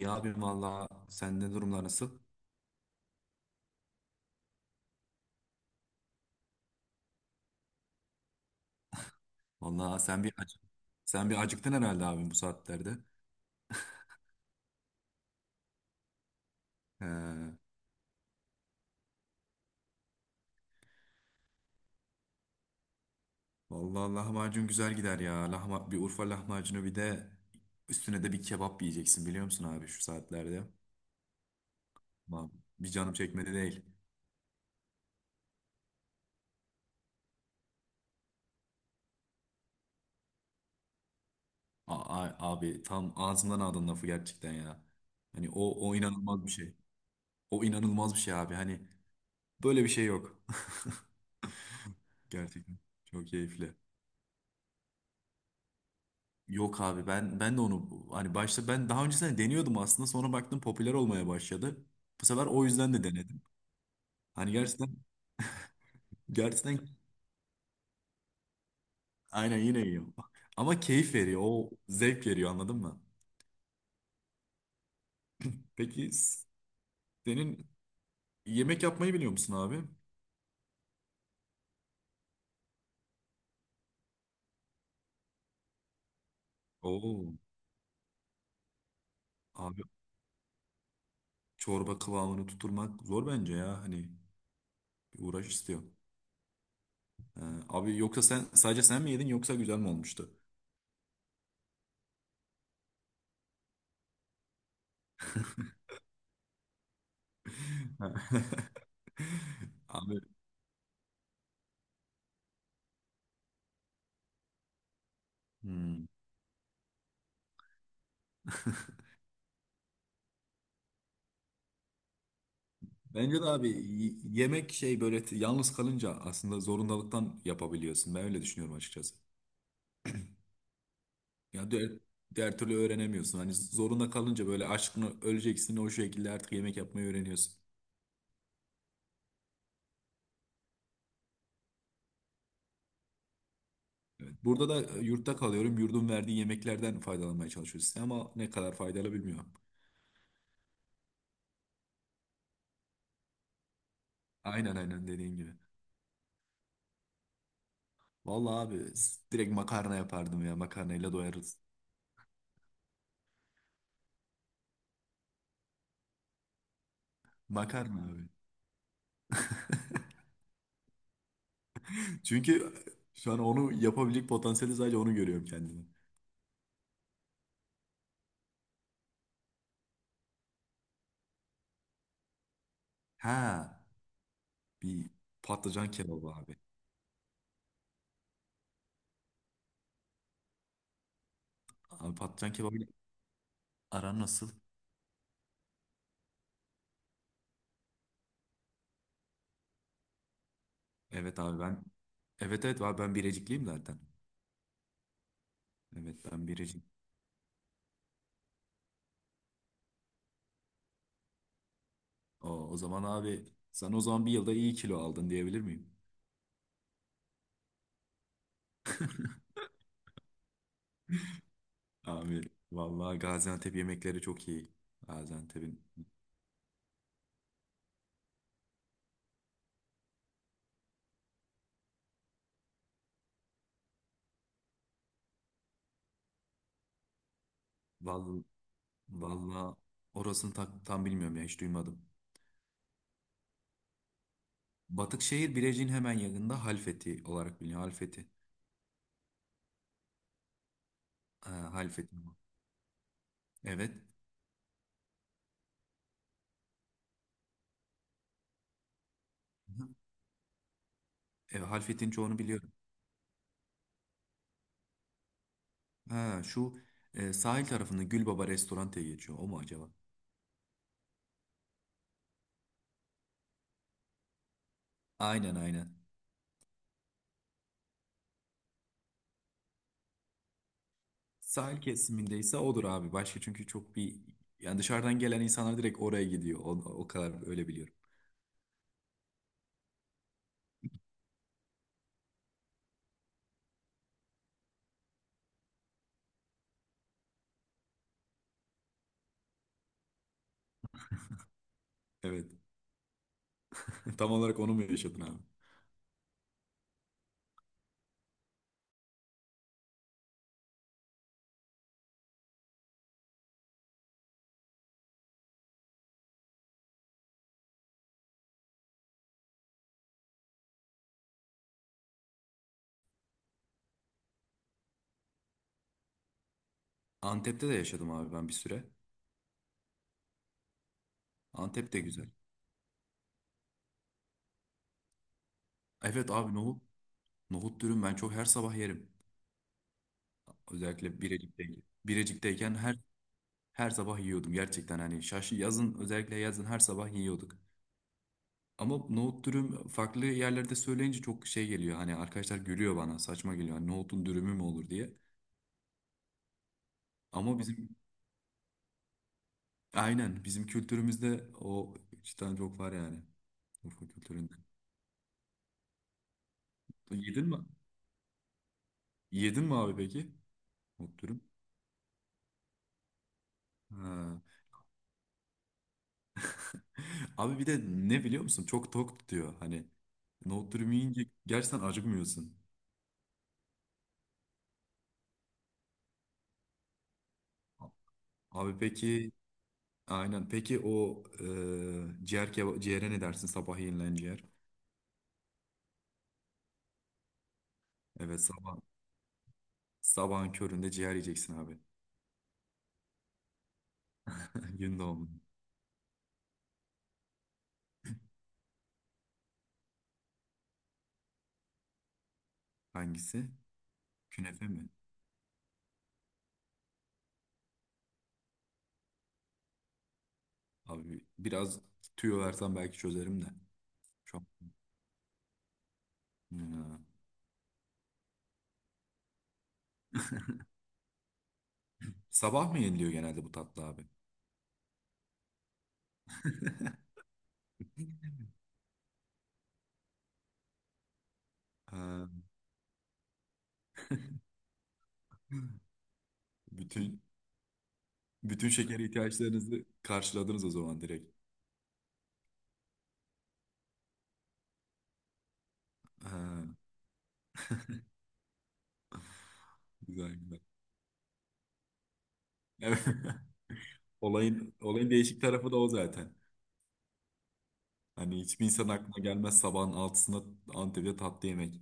Ya abim valla sende durumlar nasıl? Valla sen bir acı, sen bir acıktın herhalde abim bu saatlerde. He, valla lahmacun güzel gider ya. Lahma, bir Urfa lahmacunu bir de üstüne de bir kebap yiyeceksin biliyor musun abi şu saatlerde? Ama bir canım çekmedi değil. Abi tam ağzından aldın lafı gerçekten ya. Hani o inanılmaz bir şey. O inanılmaz bir şey abi. Hani böyle bir şey yok. Gerçekten çok keyifli. Yok abi ben de onu hani başta ben daha öncesinde deniyordum aslında sonra baktım popüler olmaya başladı. Bu sefer o yüzden de denedim. Hani gerçekten gerçekten aynen yine iyi. Ama keyif veriyor. O zevk veriyor anladın mı? Peki s- Senin yemek yapmayı biliyor musun abi? Oo abi çorba kıvamını tutturmak zor bence ya. Hani bir uğraş istiyor. Ee, Abi yoksa sen sadece sen mi yedin yoksa güzel mi olmuştu? Ha. Abi hmm. Bence de abi yemek şey böyle yalnız kalınca aslında zorundalıktan yapabiliyorsun. Ben öyle düşünüyorum açıkçası. Ya diğer, diğer türlü öğrenemiyorsun. Hani zorunda kalınca böyle aşkını öleceksin o şekilde artık yemek yapmayı öğreniyorsun. Burada da yurtta kalıyorum. Yurdun verdiği yemeklerden faydalanmaya çalışıyoruz. Ama ne kadar faydalı bilmiyorum. Aynen aynen dediğin gibi. Vallahi abi direkt makarna yapardım ya. Makarnayla doyarız. Makarna abi. Çünkü şu an onu yapabilecek potansiyeli sadece onu görüyorum kendime. Ha. Bir patlıcan kebabı abi. Abi patlıcan kebabı aran nasıl? Evet abi ben. Evet evet abi ben Birecikliyim zaten. Evet ben Birecik. O, o zaman abi sen o zaman bir yılda iyi kilo aldın diyebilir miyim? Abi vallahi Gaziantep yemekleri çok iyi. Gaziantep'in. Vallahi, vallahi orasını tam bilmiyorum ya hiç duymadım. Batıkşehir Birecik'in hemen yakında Halfeti olarak biliniyor. Halfeti. Ha, Halfeti. Evet. Hı. Evet, Halfeti'nin çoğunu biliyorum. Ha şu sahil tarafında Gülbaba Restorante geçiyor. O mu acaba? Aynen aynen. Sahil kesimindeyse odur abi. Başka çünkü çok bir yani dışarıdan gelen insanlar direkt oraya gidiyor. O, o kadar öyle biliyorum. Evet. Tam olarak onu mu yaşadın abi? Antep'te de yaşadım abi ben bir süre. Antep de güzel. Evet abi nohut. Nohut dürüm ben çok her sabah yerim. Özellikle Birecik'teyken. Birecik'teyken her sabah yiyordum gerçekten hani şaşı yazın özellikle yazın her sabah yiyorduk. Ama nohut dürüm farklı yerlerde söyleyince çok şey geliyor. Hani arkadaşlar gülüyor bana saçma geliyor. Hani nohutun dürümü mü olur diye. Ama bizim kültürümüzde o cidden çok var yani. Urfa kültüründe. Yedin mi? Yedin mi abi peki? Nohut dürüm. Ha. Abi bir de ne biliyor musun? Çok tok tutuyor. Hani nohut dürüm yiyince gerçekten acıkmıyorsun. Abi peki aynen. Peki o ciğer ciğere ne dersin? Sabah yenilen ciğer. Evet sabah. Sabahın köründe ciğer yiyeceksin abi. Gün doğumu. Hangisi? Künefe mi? Abi biraz tüyo versen belki çözerim de. Çok. Ya. Sabah mı yeniliyor genelde bu tatlı abi? Ha. Bütün bütün şeker ihtiyaçlarınızı karşıladınız o zaman direkt. Ha, güzel güzel. Evet. Olayın değişik tarafı da o zaten. Hani hiçbir insan aklına gelmez sabahın altısında Antep'te tatlı yemek.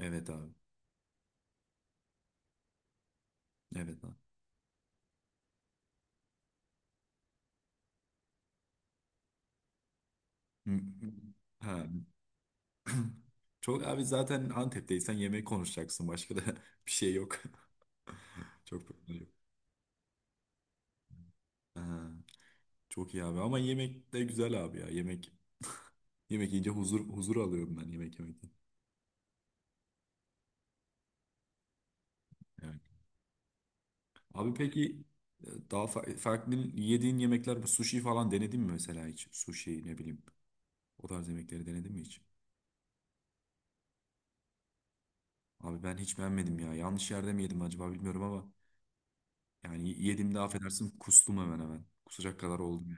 Evet abi. Evet abi. Hı, hı. Ha. Çok abi zaten Antep'teysen yemeği konuşacaksın. Başka da bir şey yok. Çok fazla yok. Ha, çok iyi abi ama yemek de güzel abi ya. Yemek yemek yiyince huzur huzur alıyorum ben yemek yemekten. Evet. Abi peki daha farklı yediğin yemekler bu sushi falan denedin mi mesela hiç? Sushi ne bileyim. O tarz yemekleri denedin mi hiç? Abi ben hiç beğenmedim ya. Yanlış yerde mi yedim acaba bilmiyorum ama yani yediğimde affedersin kustum hemen hemen. Kusacak kadar oldum.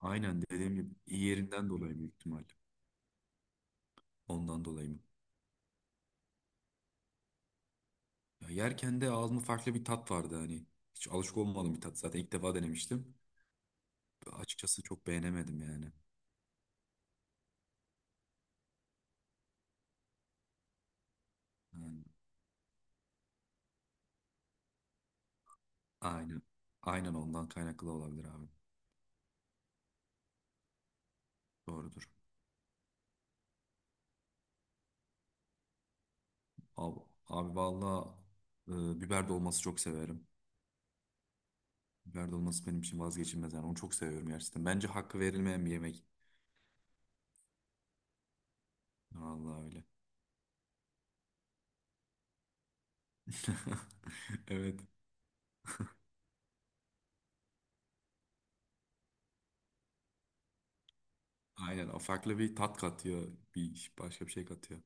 Aynen dediğim gibi yerinden dolayı büyük ihtimal. Ondan dolayı mı? Ya yerken de ağzımda farklı bir tat vardı hani. Hiç alışık olmadığım bir tat zaten ilk defa denemiştim. Açıkçası çok beğenemedim yani. Yani aynen. Aynen ondan kaynaklı olabilir abi. Doğrudur. Abi, abi valla biber dolması çok severim. Biber dolması benim için vazgeçilmez yani. Onu çok seviyorum gerçekten. Bence hakkı verilmeyen bir yemek. Vallahi öyle. Evet. Aynen. O farklı bir tat katıyor. Bir başka bir şey katıyor.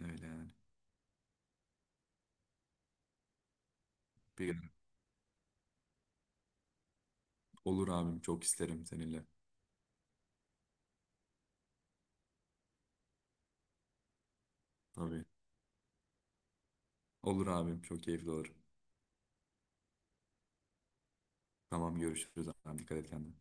Öyle yani. Bir gün. Olur abim çok isterim seninle. Tabii. Olur abim çok keyifli olur. Tamam görüşürüz abim dikkat et kendine.